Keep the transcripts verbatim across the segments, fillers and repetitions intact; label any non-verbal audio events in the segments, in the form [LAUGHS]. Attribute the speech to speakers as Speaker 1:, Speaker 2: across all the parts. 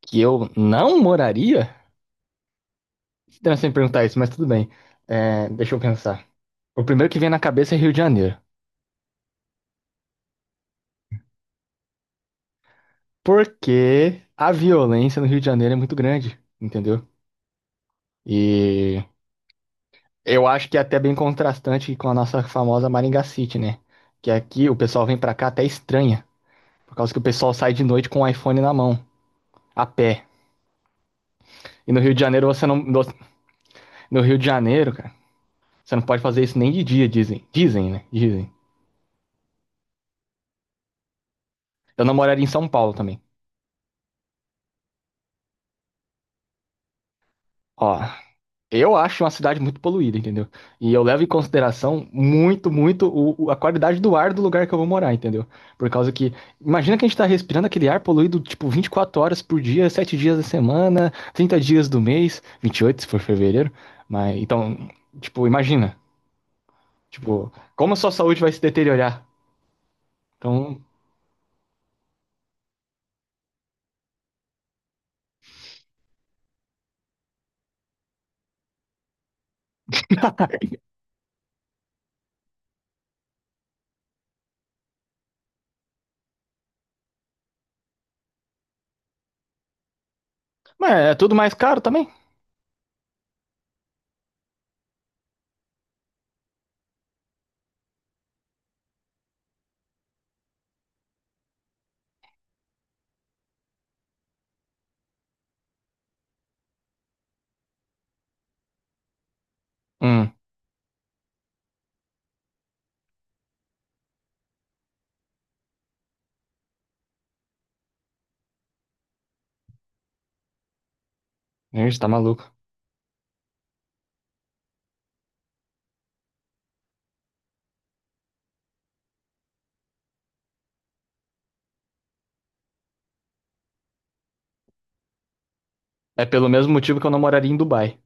Speaker 1: Que eu não moraria? Estranho você me perguntar isso, mas tudo bem. É, deixa eu pensar. O primeiro que vem na cabeça é Rio de Janeiro. Porque a violência no Rio de Janeiro é muito grande, entendeu? E eu acho que é até bem contrastante com a nossa famosa Maringá City, né? Que aqui o pessoal vem pra cá até estranha, por causa que o pessoal sai de noite com o iPhone na mão, a pé. E no Rio de Janeiro você não. No no Rio de Janeiro, cara, você não pode fazer isso nem de dia, dizem. Dizem, né? Dizem. Eu não moraria em São Paulo também. Ó, eu acho uma cidade muito poluída, entendeu? E eu levo em consideração muito, muito o- o- a qualidade do ar do lugar que eu vou morar, entendeu? Por causa que, imagina que a gente tá respirando aquele ar poluído, tipo, vinte e quatro horas por dia, sete dias da semana, trinta dias do mês, vinte e oito se for fevereiro. Mas, então, tipo, imagina, tipo, como a sua saúde vai se deteriorar? Então, [LAUGHS] mas é tudo mais caro também. Hum, Gente, tá maluco. É pelo mesmo motivo que eu não moraria em Dubai.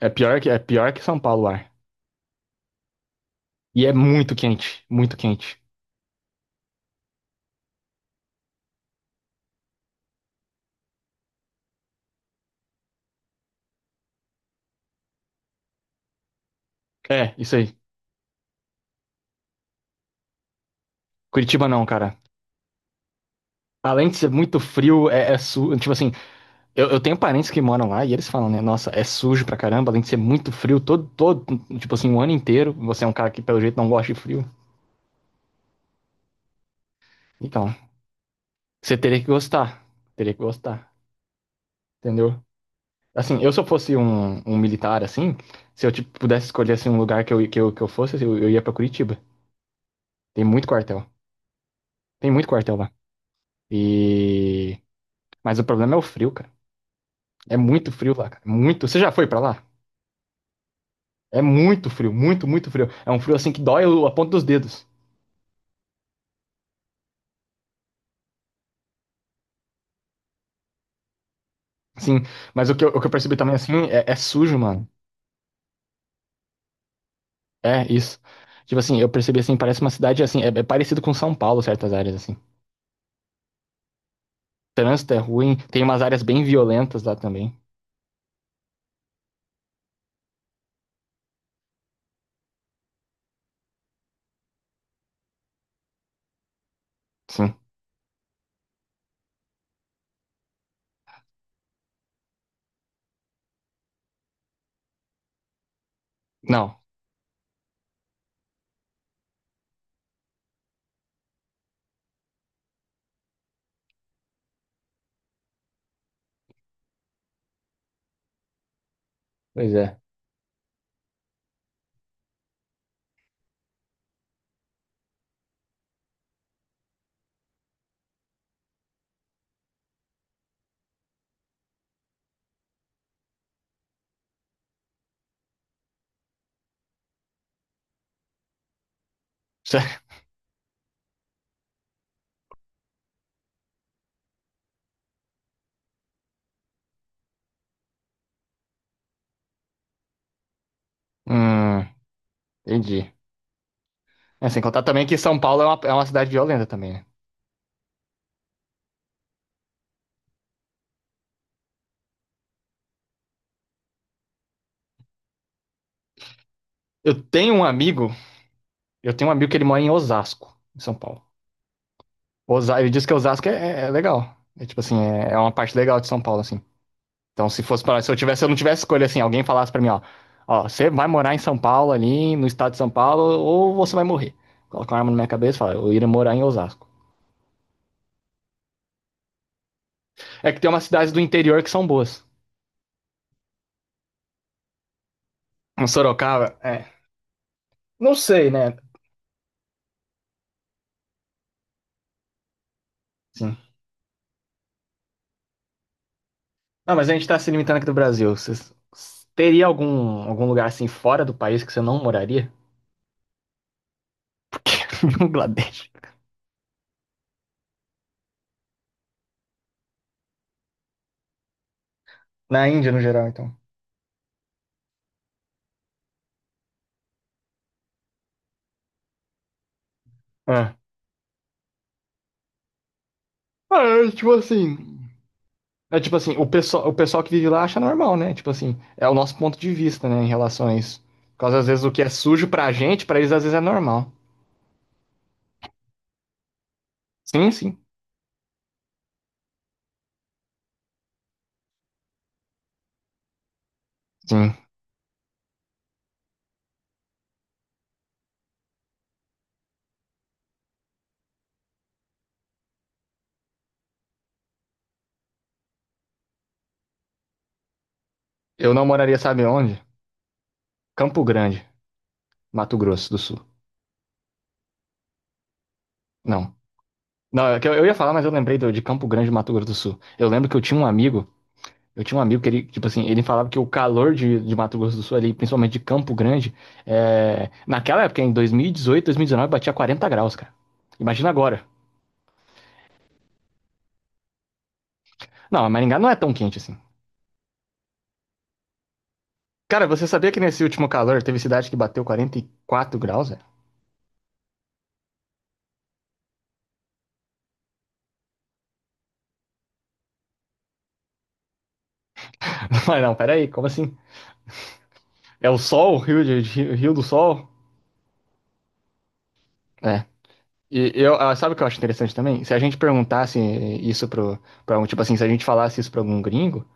Speaker 1: É pior que, é pior que São Paulo o ar. E é muito quente, muito quente. É, isso aí. Curitiba não, cara. Além de ser muito frio, é, é sujo. Tipo assim, eu, eu tenho parentes que moram lá e eles falam, né? Nossa, é sujo pra caramba, além de ser muito frio todo, todo, tipo assim, o ano inteiro. Você é um cara que, pelo jeito, não gosta de frio. Então, você teria que gostar. Teria que gostar, entendeu? Assim, eu se eu fosse um, um militar, assim, se eu tipo, pudesse escolher assim, um lugar que eu, que eu, que eu fosse, eu, eu ia pra Curitiba. Tem muito quartel. Tem muito quartel lá. E. Mas o problema é o frio, cara. É muito frio lá, cara. Muito. Você já foi pra lá? É muito frio, muito, muito frio. É um frio assim que dói o- a ponta dos dedos. Assim, mas o que eu, o que eu percebi também assim é, é sujo, mano. É isso. Tipo assim, eu percebi assim, parece uma cidade assim, é, é parecido com São Paulo, certas áreas assim. Trânsito é ruim, tem umas áreas bem violentas lá também. Sim. Não. Pois é. [LAUGHS] Hum, Entendi. É, sem contar também que São Paulo é uma, é uma, cidade violenta também, né? Eu tenho um amigo, eu tenho um amigo que ele mora em Osasco, em São Paulo. Osa- Ele disse que Osasco é, é- é legal. É tipo assim, é, é uma parte legal de São Paulo, assim. Então, se fosse para, se eu tivesse, se eu não tivesse escolha assim, alguém falasse pra mim, ó, ó, você vai morar em São Paulo ali, no estado de São Paulo, ou você vai morrer. Coloca uma arma na minha cabeça e fala, eu iria morar em Osasco. É que tem umas cidades do interior que são boas. Em Sorocaba, é. Não sei, né? Sim. Não, mas a gente tá se limitando aqui do Brasil. Cês- teria algum, algum lugar assim fora do país que você não moraria? [LAUGHS] Porque Bangladesh. Na Índia, no geral, então. É. Ah, é, tipo assim. É tipo assim, o pessoal, o pessoal que vive lá acha normal, né? Tipo assim, é o nosso ponto de vista, né, em relação a isso. Por causa, às vezes, o que é sujo pra gente, pra eles às vezes é normal. Sim, sim, sim. Eu não moraria, sabe onde? Campo Grande, Mato Grosso do Sul. Não. Não, é que eu eu ia falar, mas eu lembrei do- de Campo Grande, Mato Grosso do Sul. Eu lembro que eu tinha um amigo, eu tinha um amigo que ele, tipo assim, ele falava que o calor de, de Mato Grosso do Sul ali, principalmente de Campo Grande, é... naquela época, em dois mil e dezoito, dois mil e dezenove, batia quarenta graus, cara. Imagina agora. Não, Maringá não é tão quente assim. Cara, você sabia que nesse último calor teve cidade que bateu quarenta e quatro graus, velho? [LAUGHS] Mas não, peraí, como assim? É o sol, o Rio, de, de- Rio do Sol? É. E eu, ah, sabe o que eu acho interessante também? Se a gente perguntasse isso pro, pra um, tipo assim, se a gente falasse isso pra algum gringo,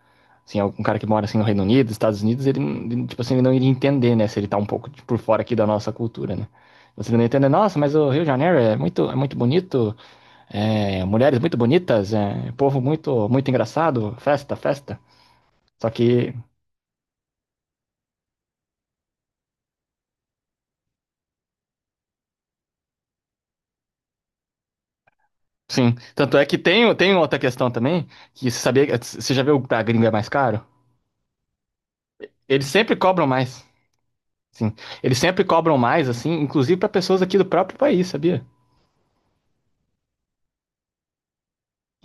Speaker 1: assim, algum cara que mora assim no Reino Unido, Estados Unidos, ele, não- ele, tipo assim, ele não iria entender, né? Se ele tá um pouco tipo, por fora aqui da nossa cultura, né? Você não ia entender, nossa, mas o Rio de Janeiro é muito, é muito, bonito, é, mulheres muito bonitas, é, povo muito, muito engraçado, festa, festa. Só que sim. Tanto é que tem, tem outra questão também, que você sabia, você já viu que da gringa é mais caro? Eles sempre cobram mais. Sim. Eles sempre cobram mais, assim, inclusive para pessoas aqui do próprio país, sabia?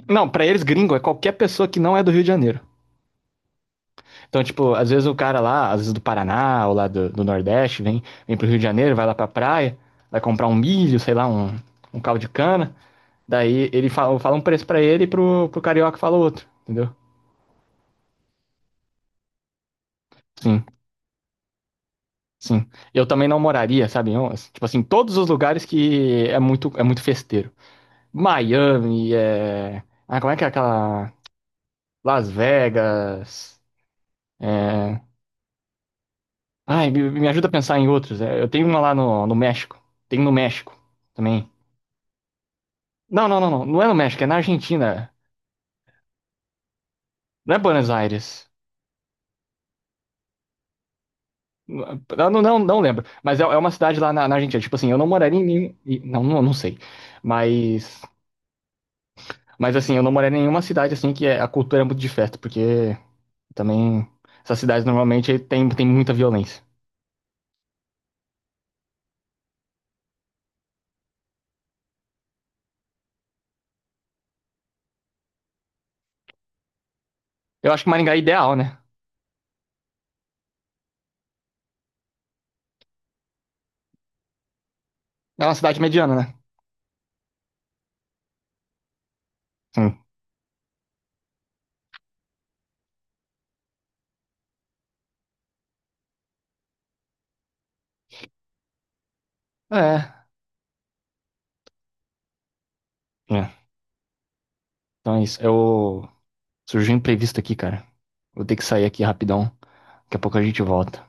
Speaker 1: Não, para eles gringo é qualquer pessoa que não é do Rio de Janeiro. Então, tipo, às vezes o cara lá, às vezes do Paraná ou lá do, do Nordeste, vem, vem pro Rio de Janeiro, vai lá pra praia, vai comprar um milho, sei lá, um, um, caldo de cana. Daí ele fala, fala um preço para ele e pro, pro carioca fala outro, entendeu? Sim. Sim. Eu também não moraria, sabe? Eu, tipo assim, todos os lugares que é muito, é muito festeiro. Miami, é... ah, como é que é aquela... Las Vegas, é... Ai, me, me ajuda a pensar em outros. É, eu tenho uma lá no, no México. Tem no México também. Não, não, não, não. Não é no México, é na Argentina. Não é Buenos Aires. Não, não, não, não lembro. Mas é, é uma cidade lá na, na Argentina. Tipo assim, eu não moraria em... nenhum- em- Não, não, não sei. Mas... Mas assim, eu não moraria em nenhuma cidade assim que é- a cultura é muito de festa, porque... Também, essas cidades normalmente tem, tem muita violência. Eu acho que Maringá é ideal, né? É uma cidade mediana, né? Sim. É. É. Então é isso. Eu... Surgiu um imprevisto aqui, cara. Vou ter que sair aqui rapidão. Daqui a pouco a gente volta.